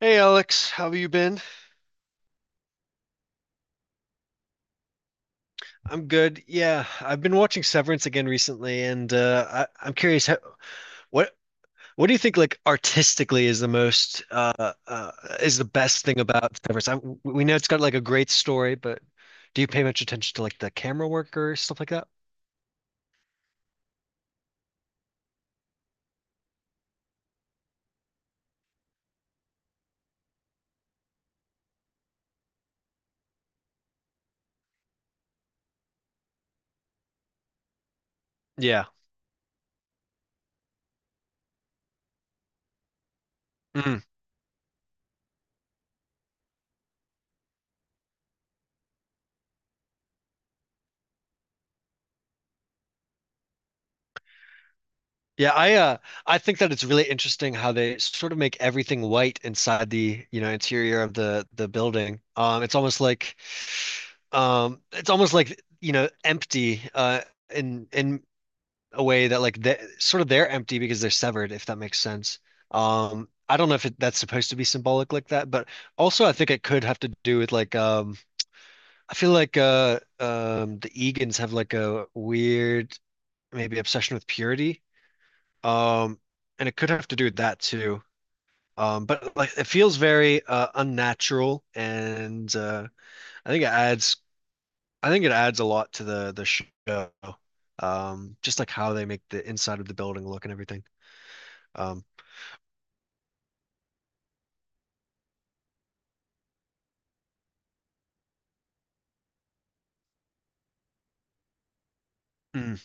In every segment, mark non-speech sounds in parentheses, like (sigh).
Hey Alex, how have you been? I'm good. Yeah, I've been watching Severance again recently, and I'm curious how, what what do you think, like, artistically, is the most is the best thing about Severance? We know it's got, like, a great story, but do you pay much attention to, like, the camera work or stuff like that? Yeah. Mhm. Yeah, I think that it's really interesting how they sort of make everything white inside the, you know, interior of the building. It's almost like it's almost like, you know, empty, in a way that, like, they're empty because they're severed, if that makes sense. I don't know if that's supposed to be symbolic like that, but also I think it could have to do with, like, I feel like the Egan's have like a weird maybe obsession with purity, um and it could have to do with that too. But, like, it feels very unnatural, and I think it adds I think it adds a lot to the show. Just like how they make the inside of the building look and everything. Um, mm,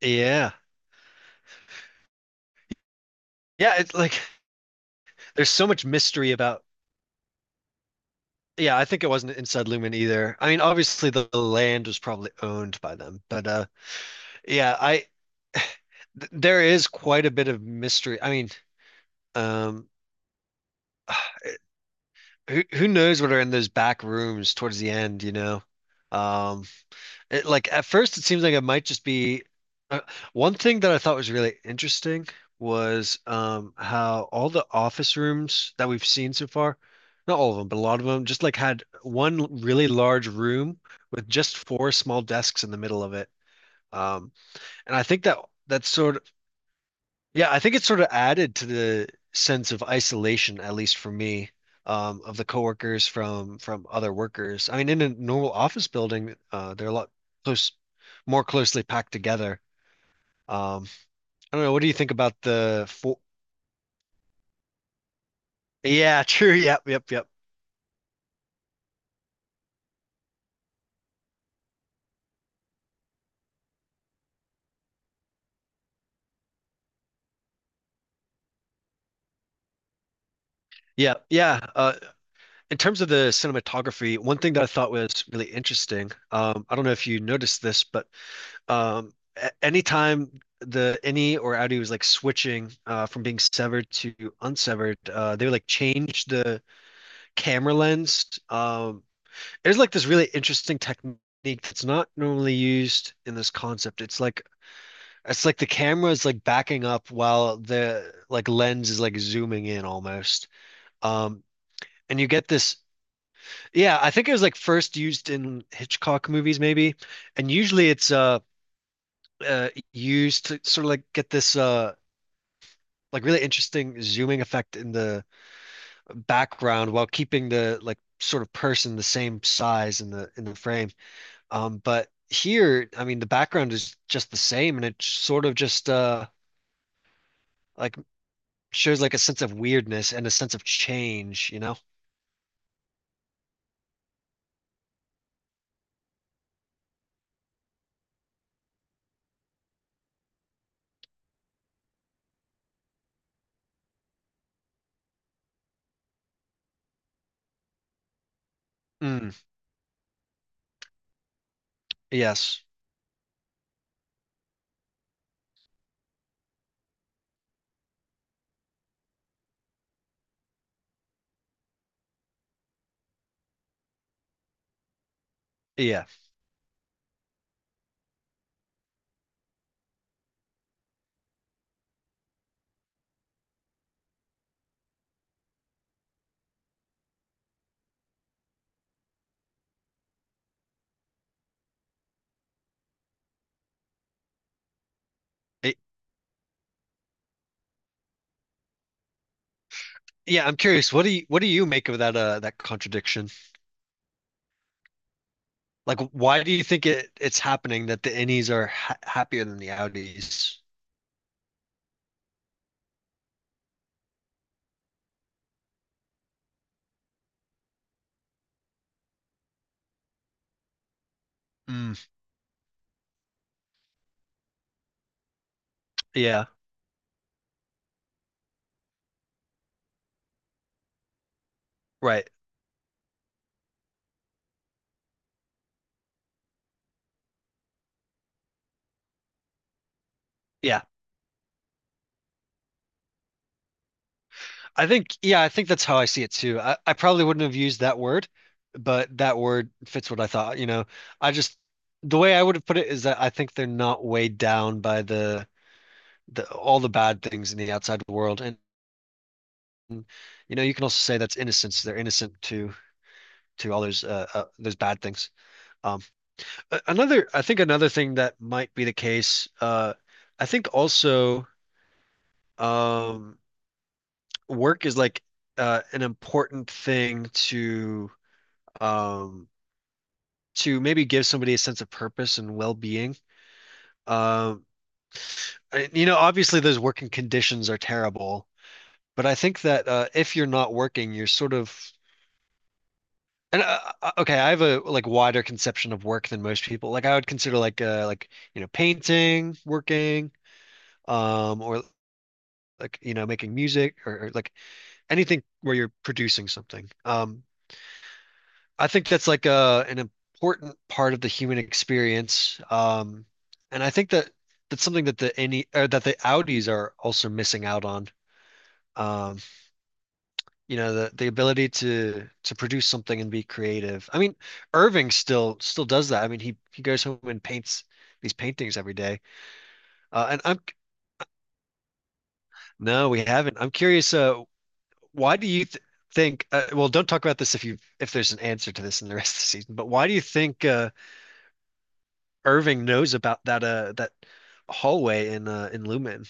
yeah, yeah. It's like, (laughs) there's so much mystery about. Yeah, I think it wasn't inside Lumen either. I mean, obviously the land was probably owned by them, but yeah, I th there is quite a bit of mystery. I mean, um, (sighs) who knows what are in those back rooms towards the end, you know? Um, It, like, at first, it seems like it might just be uh, one thing that I thought was really interesting was, how all the office rooms that we've seen so far, not all of them, but a lot of them, just, like, had one really large room with just four small desks in the middle of it. Um, and I think that that's sort yeah, I think it sort of added to the sense of isolation, at least for me, of the coworkers from other workers. I mean, in a normal office building, they're a lot close, more closely packed together. Um, I don't know. What do you think about the four? Yeah, (laughs) true. Yep, yep, yep, yeah, yeah. In terms of the cinematography, one thing that I thought was really interesting. I don't know if you noticed this, but um anytime the innie or outie was like switching from being severed to unsevered, they would like change the camera lens. There's like this really interesting technique that's not normally used in this concept. It's like, the camera is like backing up while the, like, lens is like zooming in almost. um and you get this, yeah, I think it was like first used in Hitchcock movies maybe, and usually it's used to sort of like get this, like really interesting zooming effect in the background, while keeping the, like, sort of person the same size in the frame. But here, I mean, the background is just the same, and it sort of just like shows like a sense of weirdness and a sense of change, you know? Mm, yes. Yeah. It, yeah, I'm curious. What do you make of that that contradiction? Like, why do you think it's happening that the innies are ha happier than the outies? Mm, yeah. Right. Yeah. I think, yeah, I think that's how I see it too. I probably wouldn't have used that word, but that word fits what I thought. You know, I just, the way I would have put it is that I think they're not weighed down by the all the bad things in the outside world, and, you know, you can also say that's innocence. They're innocent to all those bad things. Um, Another, I think, another thing that might be the case. I think also, um work is like an important thing to, um to maybe give somebody a sense of purpose and well-being. Um, you know, obviously those working conditions are terrible, but I think that, if you're not working, you're sort of and okay, I have a, like, wider conception of work than most people. Like, I would consider, like, like, you know, painting, working, or like, you know, making music, or like anything where you're producing something. I think that's like a an important part of the human experience. And I think that that's something that the any, or that the Audis are also missing out on. Um, you know, the ability to produce something and be creative. I mean, Irving still still does that. I mean, he goes home and paints these paintings every day. And I'm No, we haven't. I'm curious, why do you th think, well, don't talk about this if you if there's an answer to this in the rest of the season, but why do you think Irving knows about that that hallway in Lumen.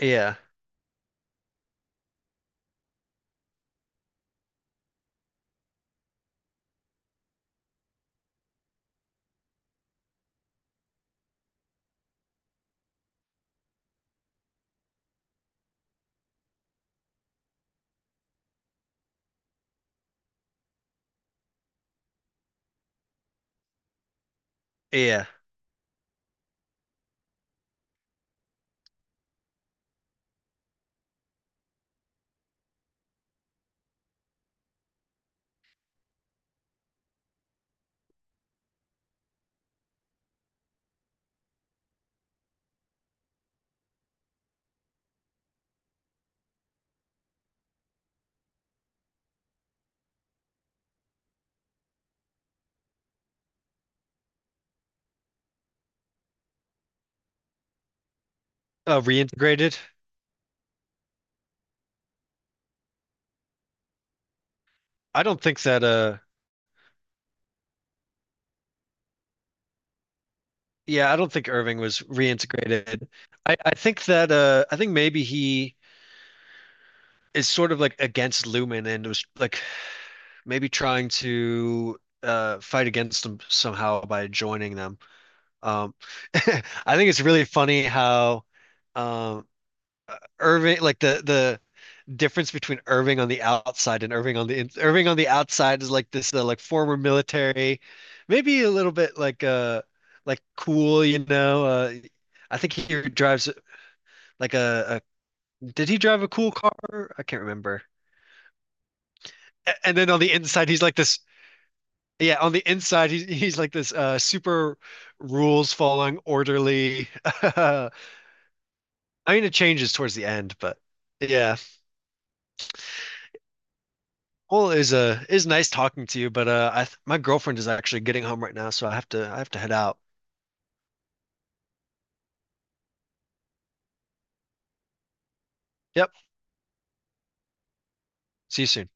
Yeah. Yeah. Uh, reintegrated. I don't think that Yeah, I don't think Irving was reintegrated. I think that, I think maybe he is sort of like against Lumen, and was like maybe trying to fight against them somehow by joining them. Um, (laughs) I think it's really funny how, um Irving, like, the difference between Irving on the outside and Irving on the in Irving on the outside is like this, like, former military, maybe a little bit like, like, cool, you know. I think he drives like a, did he drive a cool car? I can't remember. And then on the inside, he's like this. Yeah, on the inside, he's like this, super rules following, orderly. (laughs) I mean, it changes towards the end, but yeah. Well, it was nice talking to you, but I th my girlfriend is actually getting home right now, so I have to head out. Yep. See you soon.